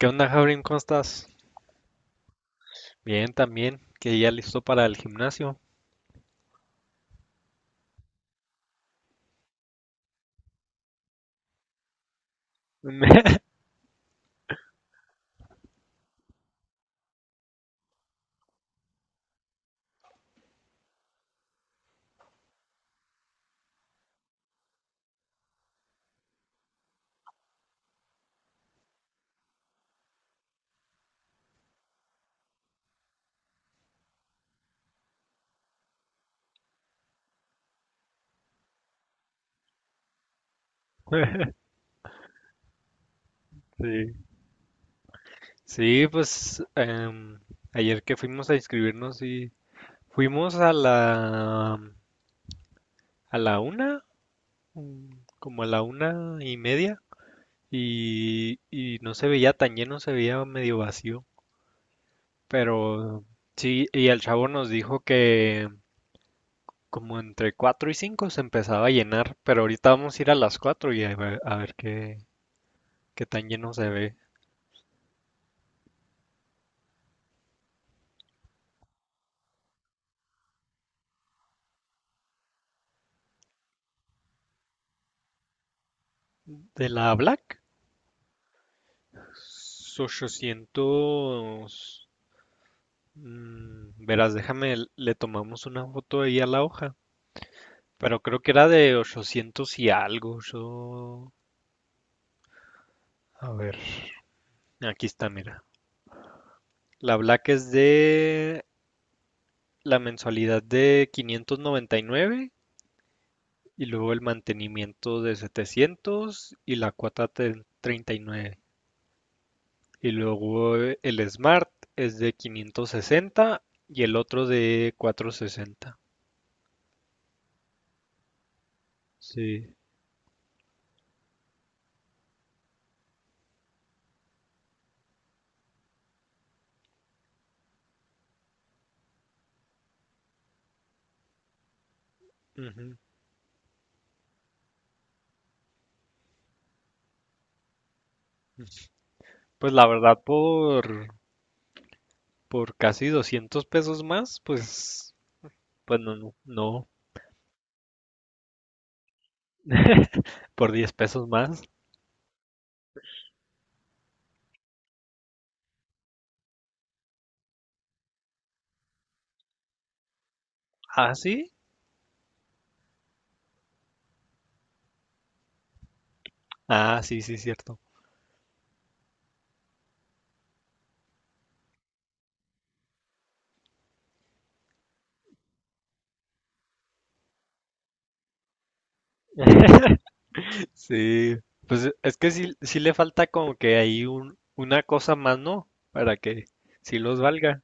¿Qué onda, Javrin? ¿Cómo estás? Bien, también, que ya listo para el gimnasio. Sí, sí, pues ayer que fuimos a inscribirnos y fuimos a la una, mm, como a la una y media, y no se veía tan lleno, se veía medio vacío. Pero sí, y el chavo nos dijo que como entre cuatro y cinco se empezaba a llenar, pero ahorita vamos a ir a las cuatro y a ver qué tan lleno se ve. De la Black, 800... verás, déjame, le tomamos una foto ahí a la hoja. Pero creo que era de 800 y algo. A ver. Aquí está, mira. La Black es de la mensualidad de 599 y nueve, y luego el mantenimiento de 700 y la cuota de 39. Y luego el Smart es de 560 y el otro de 460. Sí. Ujú. Pues la verdad, por casi $200 más, pues no, no, no, por diez pesos más. Ah, sí. Ah, sí, sí, cierto. Sí, pues es que sí, sí le falta como que hay una cosa más, ¿no? Para que sí los valga.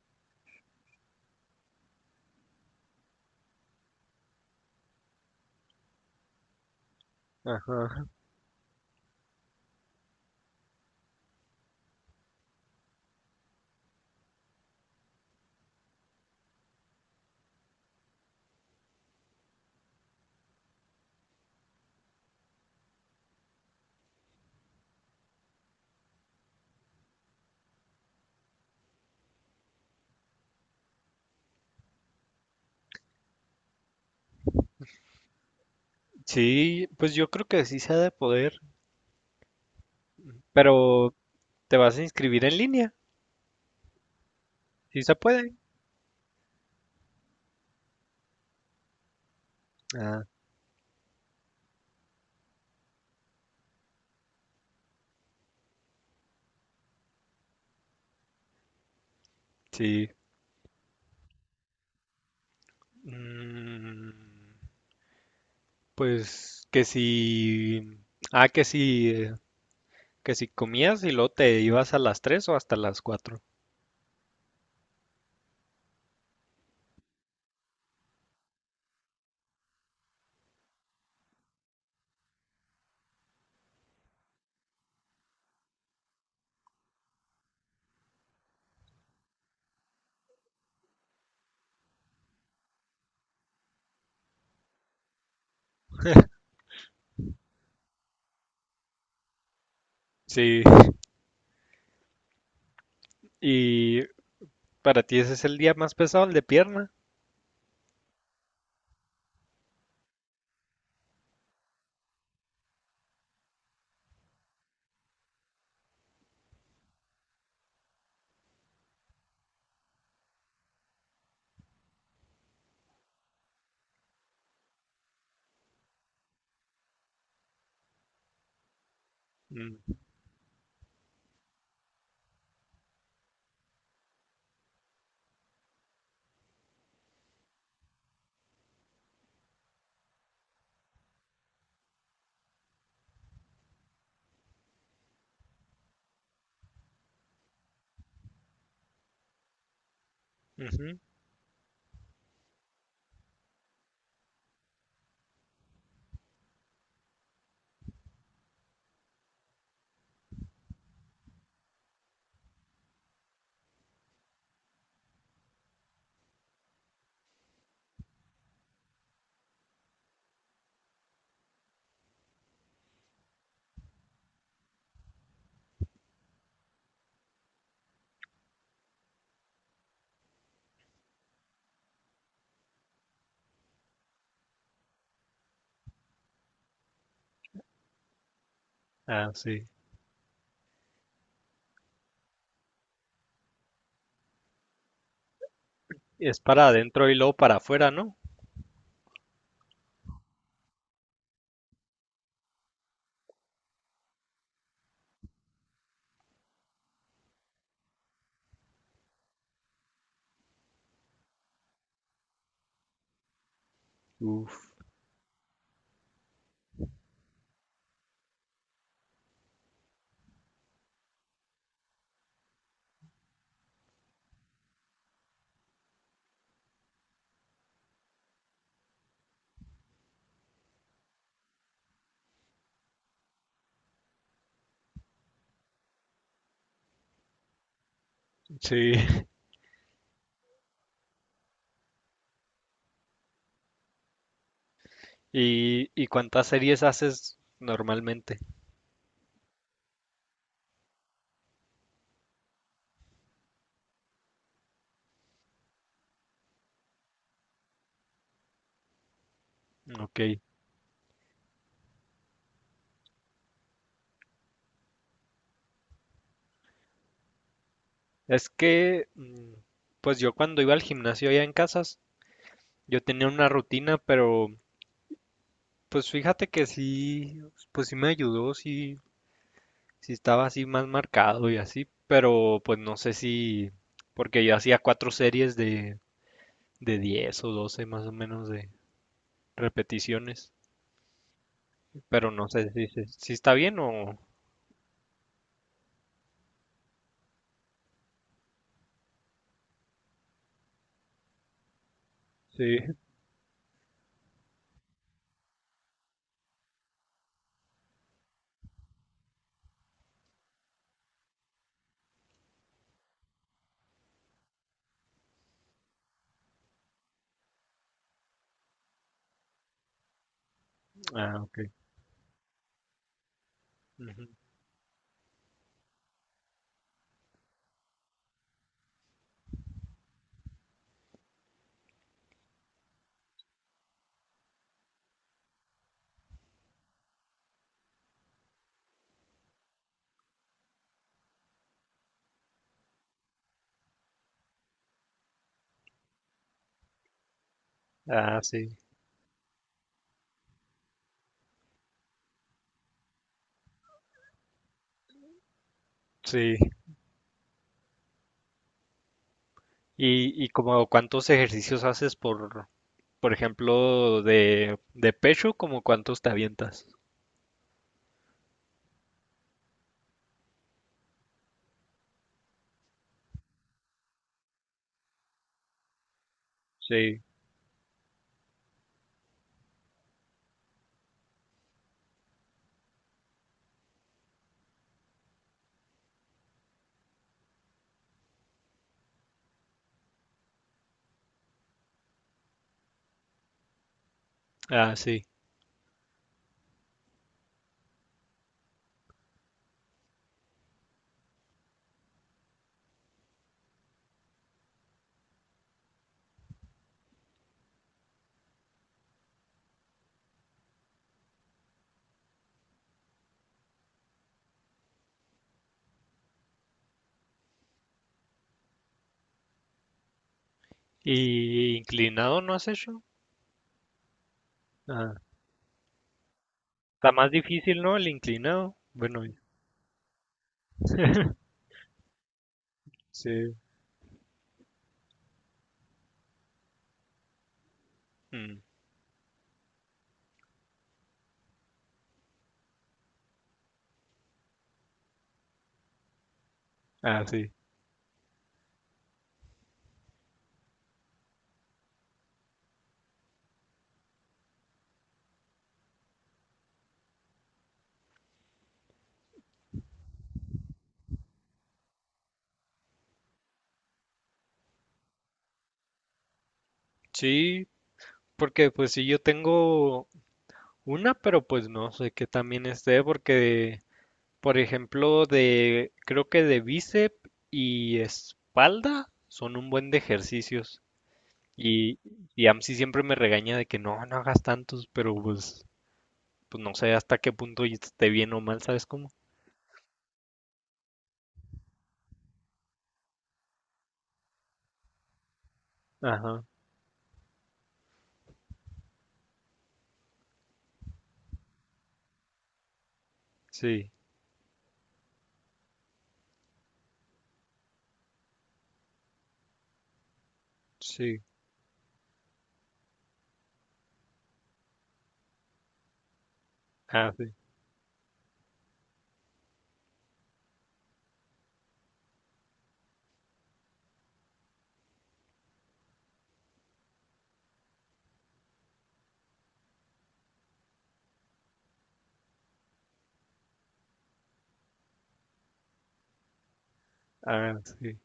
Ajá. Sí, pues yo creo que sí se ha de poder, pero ¿te vas a inscribir en línea? Sí se puede. Ah, sí. Mm, pues que si... Ah, que si... eh, que si comías y luego te ibas a las 3 o hasta las cuatro. Sí. ¿Y para ti ese es el día más pesado, el de pierna? Mm, ujú. Ah, sí. Es para adentro y luego para afuera, ¿no? Uf. Sí. ¿Y cuántas series haces normalmente? Ok. Es que, pues yo cuando iba al gimnasio allá en Casas, yo tenía una rutina, pero pues fíjate que sí, pues sí me ayudó, sí, sí estaba así más marcado y así, pero pues no sé si, porque yo hacía cuatro series de 10 o 12 más o menos de repeticiones, pero no sé si está bien o... Sí. Ah, ok. Ujú. Ah, sí. Sí. ¿Y como cuántos ejercicios haces? Por ejemplo, de pecho, ¿como cuántos te avientas? Sí. Ah, sí. ¿Y inclinado no has hecho? Ah, está más difícil, ¿no? El inclinado. Bueno, sí. Mm, ah, sí. Sí, porque pues sí, yo tengo una, pero pues no sé qué también esté, porque, por ejemplo, creo que de bíceps y espalda son un buen de ejercicios. Y, y AMSI siempre me regaña de que no, no hagas tantos, pero pues no sé hasta qué punto y esté bien o mal, ¿sabes cómo? Ajá, sí, sí. Ah, sí. Ah, sí.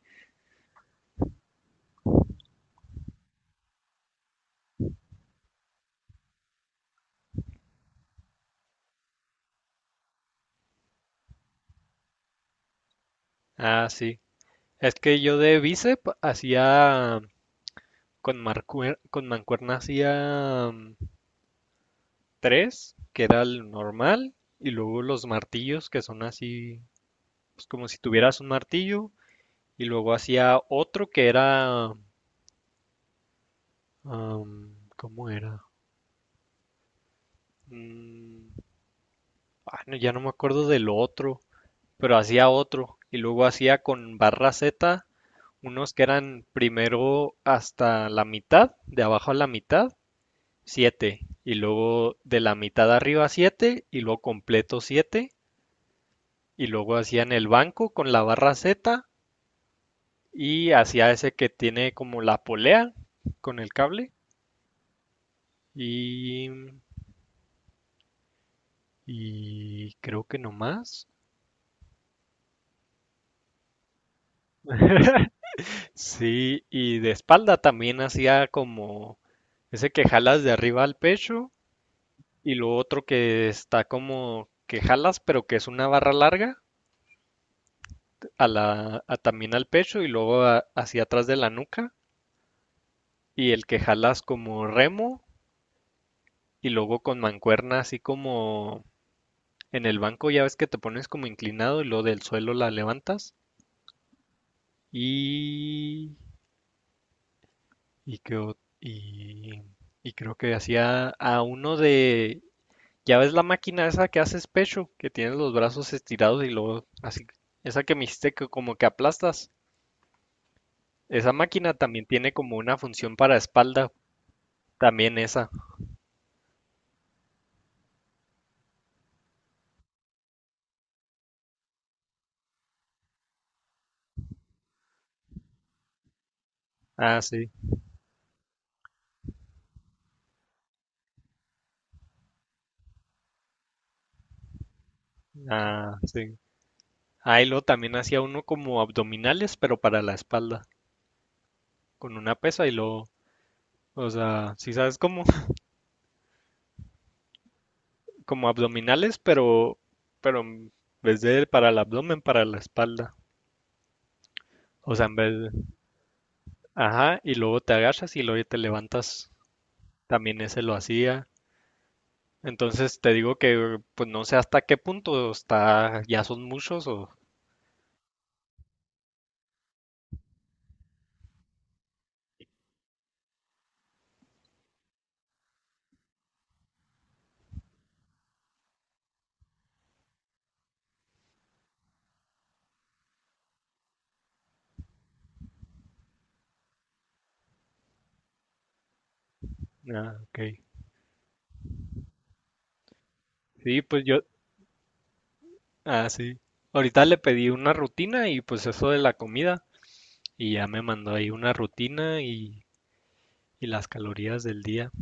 Ah, sí. Es que yo de bíceps hacía con con mancuerna hacía tres, que era el normal, y luego los martillos, que son así, pues como si tuvieras un martillo, y luego hacía otro que era, ¿cómo era? Mm, ah, no, ya no me acuerdo del otro, pero hacía otro y luego hacía con barra Z unos que eran primero hasta la mitad, de abajo a la mitad, siete, y luego de la mitad arriba siete, y luego completo siete, y luego hacía en el banco con la barra Z, y hacía ese que tiene como la polea con el cable, y y creo que no más. Sí, y de espalda también hacía como ese que jalas de arriba al pecho, y lo otro que está como que jalas, pero que es una barra larga, también al pecho y luego hacia atrás de la nuca. Y el que jalas como remo, y luego con mancuerna así como en el banco, ya ves que te pones como inclinado y luego del suelo la levantas. Y... Y, que, o- y, y creo que hacía a uno de... Ya ves la máquina esa que haces pecho, que tienes los brazos estirados y luego así... Esa que me hiciste que como que aplastas. Esa máquina también tiene como una función para espalda, también esa. Ah, sí. Ah, sí. Ahí lo también hacía uno como abdominales, pero para la espalda, con una pesa y lo, o sea, si sabes como, como abdominales, pero en vez de para el abdomen, para la espalda. O sea, ajá, y luego te agachas y luego te levantas. También ese lo hacía. Entonces te digo que, pues no sé hasta qué punto está, ya son muchos o, ah, ok. Sí, pues yo... Ah, sí. Ahorita le pedí una rutina y pues eso de la comida, y ya me mandó ahí una rutina y las calorías del día.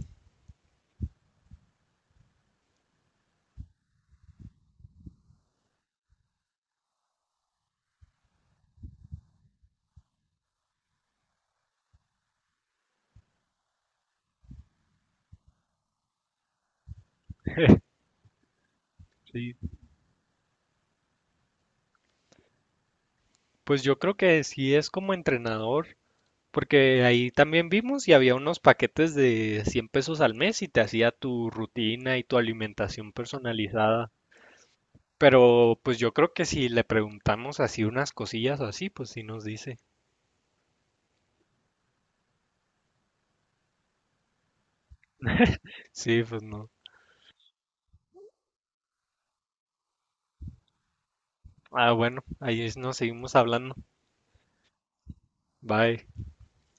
Sí. Pues yo creo que sí es como entrenador, porque ahí también vimos y había unos paquetes de $100 al mes y te hacía tu rutina y tu alimentación personalizada. Pero pues yo creo que si le preguntamos así unas cosillas o así, pues sí nos dice. Sí, pues no. Ah, bueno, ahí nos seguimos hablando. Bye.